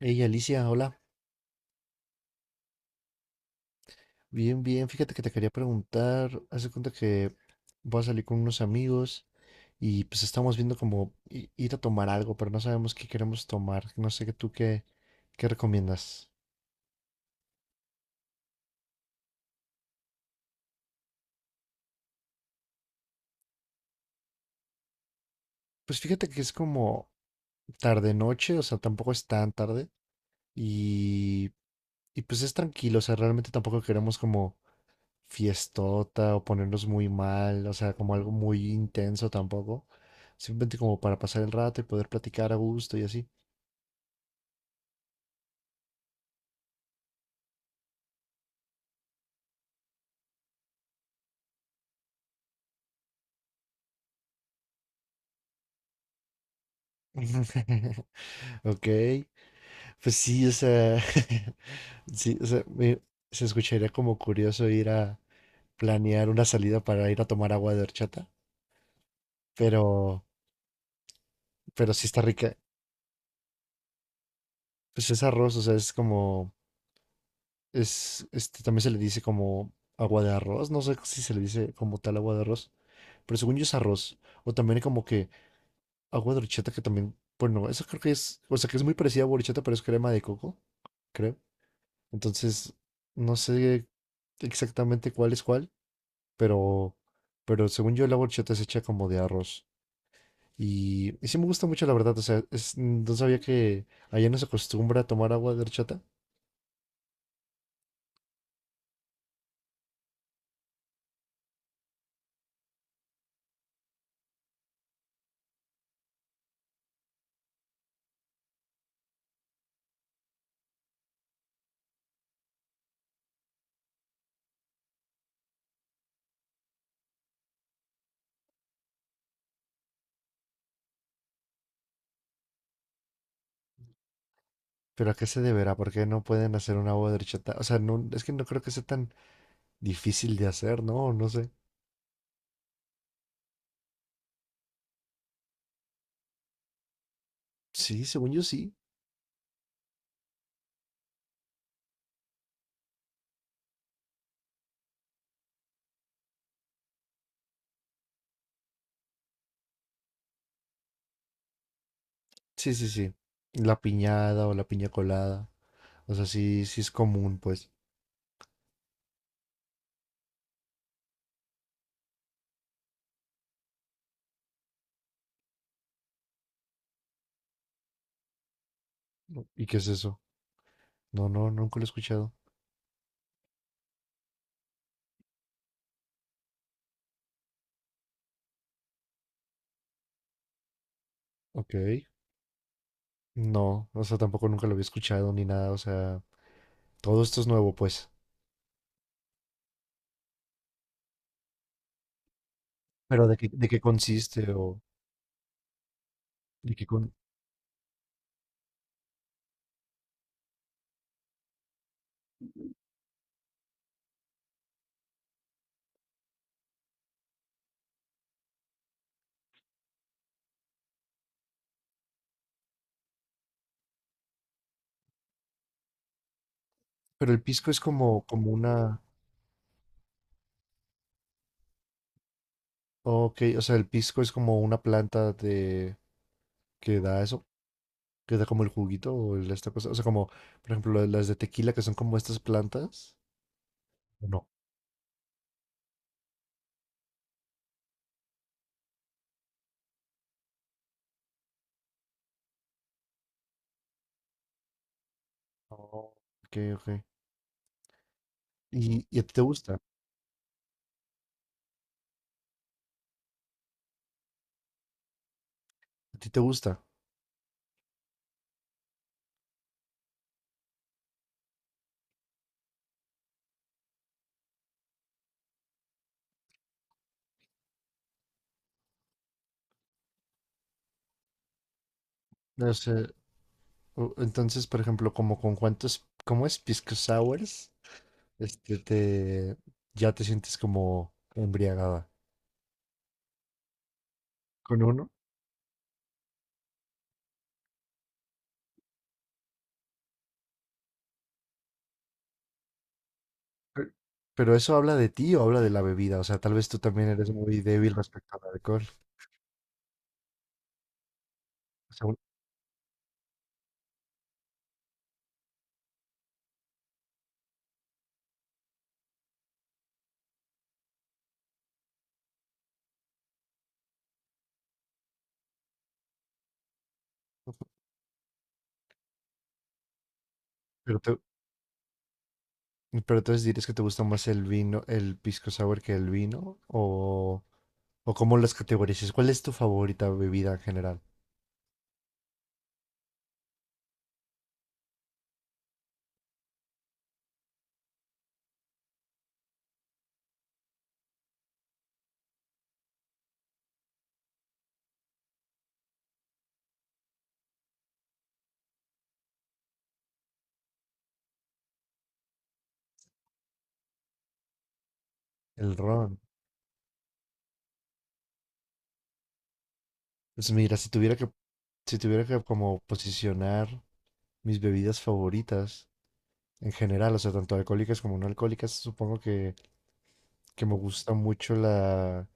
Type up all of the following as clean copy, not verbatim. Hey Alicia, hola. Bien, bien. Fíjate que te quería preguntar. Haz de cuenta que voy a salir con unos amigos y pues estamos viendo como ir a tomar algo, pero no sabemos qué queremos tomar. No sé qué qué recomiendas. Pues fíjate que es como tarde noche, o sea, tampoco es tan tarde y, y pues es tranquilo, o sea, realmente tampoco queremos como fiestota o ponernos muy mal, o sea, como algo muy intenso tampoco. Simplemente como para pasar el rato y poder platicar a gusto y así. Ok, pues sí, o sea, sí, o sea, se escucharía como curioso ir a planear una salida para ir a tomar agua de horchata, pero, pero sí está rica. Pues es arroz, o sea, es, también se le dice como agua de arroz, no sé si se le dice como tal agua de arroz, pero según yo es arroz, o también como que agua de horchata que también, bueno, eso creo que es, o sea, que es muy parecida a agua de horchata, pero es crema de coco, creo. Entonces, no sé exactamente cuál es cuál, pero, pero según yo la horchata es hecha como de arroz. Y sí me gusta mucho, la verdad. O sea, no sabía que allá no se acostumbra a tomar agua de horchata, pero ¿a qué se deberá? ¿Por qué no pueden hacer un agua de horchata? O sea, no, es que no creo que sea tan difícil de hacer, ¿no? No sé. Sí, según yo sí. Sí, sí, sí. La piñada o la piña colada. O sea, sí, sí es común, pues. ¿Y qué es eso? No, no, nunca lo he escuchado. Ok. No, o sea, tampoco nunca lo había escuchado ni nada, o sea, todo esto es nuevo, pues. Pero de qué consiste o de qué con... Pero el pisco es como, como una... Ok, o sea, el pisco es como una planta de... que da eso, que da como el juguito o esta cosa, o sea, como, por ejemplo, las de tequila que son como estas plantas. ¿O No. Oh, Ok, ok. Y a ti te gusta? ¿A ti te gusta? No sé. Entonces, por ejemplo, como con cuántos, ¿cómo es? Pisco sours, este te ya te sientes como embriagada. ¿Con uno? Pe- Pero eso habla de ti o habla de la bebida, o sea, tal vez tú también eres muy débil respecto al alcohol. O sea, un- pero te- Pero entonces dirías que te gusta más el vino, el pisco sour que el vino, o cómo las categorizas. ¿Cuál es tu favorita bebida en general? El ron. Pues mira, si tuviera que como posicionar mis bebidas favoritas en general, o sea, tanto alcohólicas como no alcohólicas, supongo que me gusta mucho la...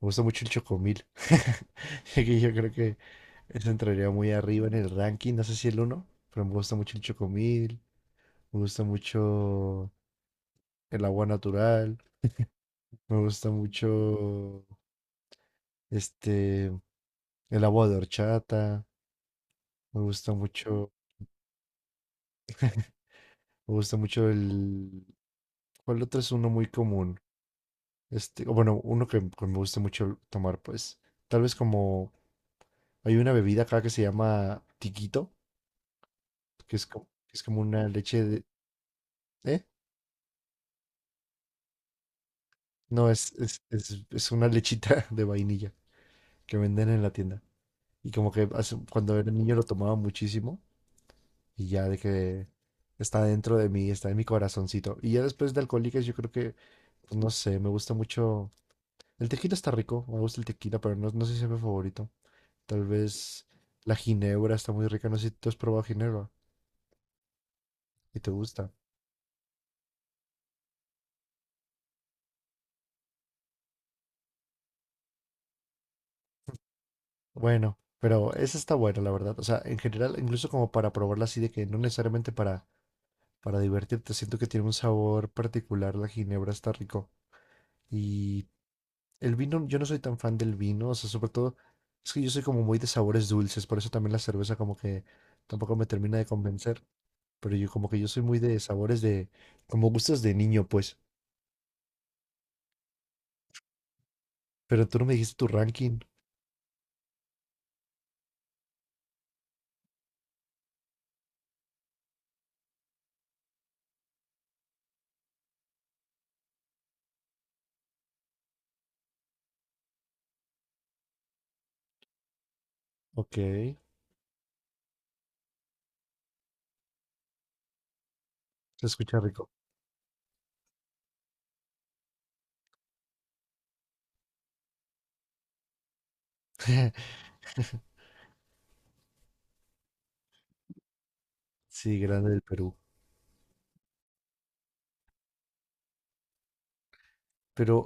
Me gusta mucho el chocomil. Así que yo creo que eso entraría muy arriba en el ranking. No sé si el uno, pero me gusta mucho el chocomil. Me gusta mucho el agua natural. Me gusta mucho este el agua de horchata. Me gusta mucho. Me gusta mucho el. ¿Cuál otro es uno muy común? Este, o bueno, uno que me gusta mucho tomar, pues, tal vez como hay una bebida acá que se llama tiquito, que es como una leche de, ¿eh? No, es una lechita de vainilla que venden en la tienda. Y como que cuando era niño lo tomaba muchísimo y ya de que está dentro de mí, está en mi corazoncito. Y ya después de Alcohólicas yo creo que, pues, no sé, me gusta mucho. El tequila está rico, me gusta el tequila, pero no, no sé si es mi favorito. Tal vez la ginebra está muy rica. No sé si tú has probado ginebra y te gusta. Bueno, pero esa está buena, la verdad. O sea, en general, incluso como para probarla así de que no necesariamente para divertirte. Siento que tiene un sabor particular. La ginebra está rico. Y el vino, yo no soy tan fan del vino, o sea, sobre todo es que yo soy como muy de sabores dulces, por eso también la cerveza como que tampoco me termina de convencer, pero yo como que yo soy muy de sabores de, como gustos de niño, pues, pero tú no me dijiste tu ranking, ok. Se escucha rico. Sí, grande del Perú. Pero,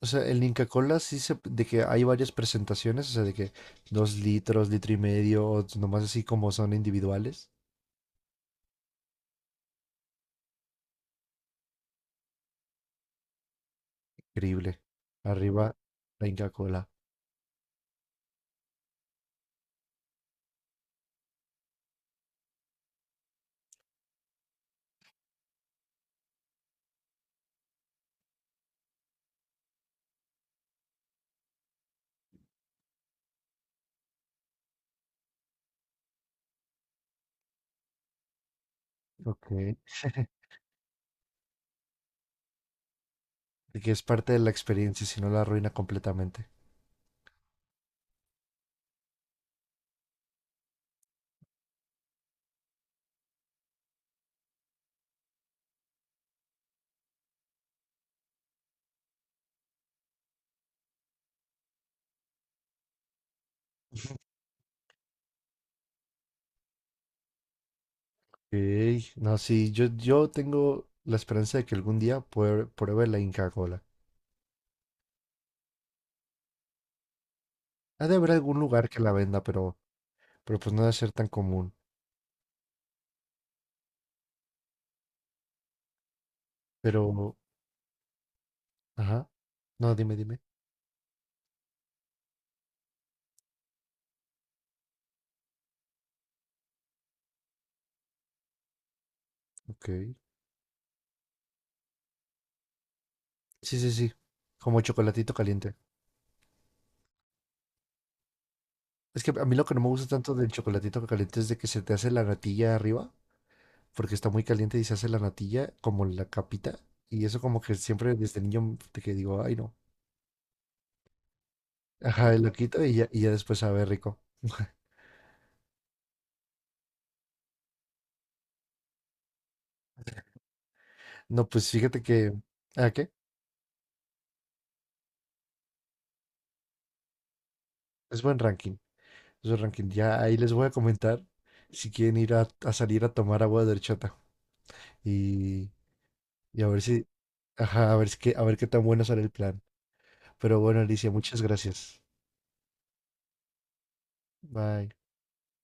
o sea, el Inca Kola sí se, de que hay varias presentaciones, o sea, de que dos litros, litro y medio, o nomás así como son individuales. Increíble. Arriba, la Inca Kola. Ok. De que es parte de la experiencia, si no la arruina completamente. Ok. No, sí, yo tengo la esperanza de que algún día pruebe la Inca Kola. Ha de haber algún lugar que la venda, pero pues no debe ser tan común. Pero, ajá. No, dime, dime. Ok. Sí, sí, sí. Como chocolatito caliente. Es que a mí lo que no me gusta tanto del chocolatito caliente es de que se te hace la natilla arriba, porque está muy caliente y se hace la natilla como la capita. Y eso como que siempre desde niño de que digo, ay no. Ajá, y lo quito y ya después sabe rico. No, pues fíjate que... ¿A qué? Es buen ranking. Es buen ranking. Ya ahí les voy a comentar si quieren ir a salir a tomar agua de horchata. Y, y a ver si, ajá, a ver, a ver qué tan bueno sale el plan. Pero bueno, Alicia, muchas gracias. Bye.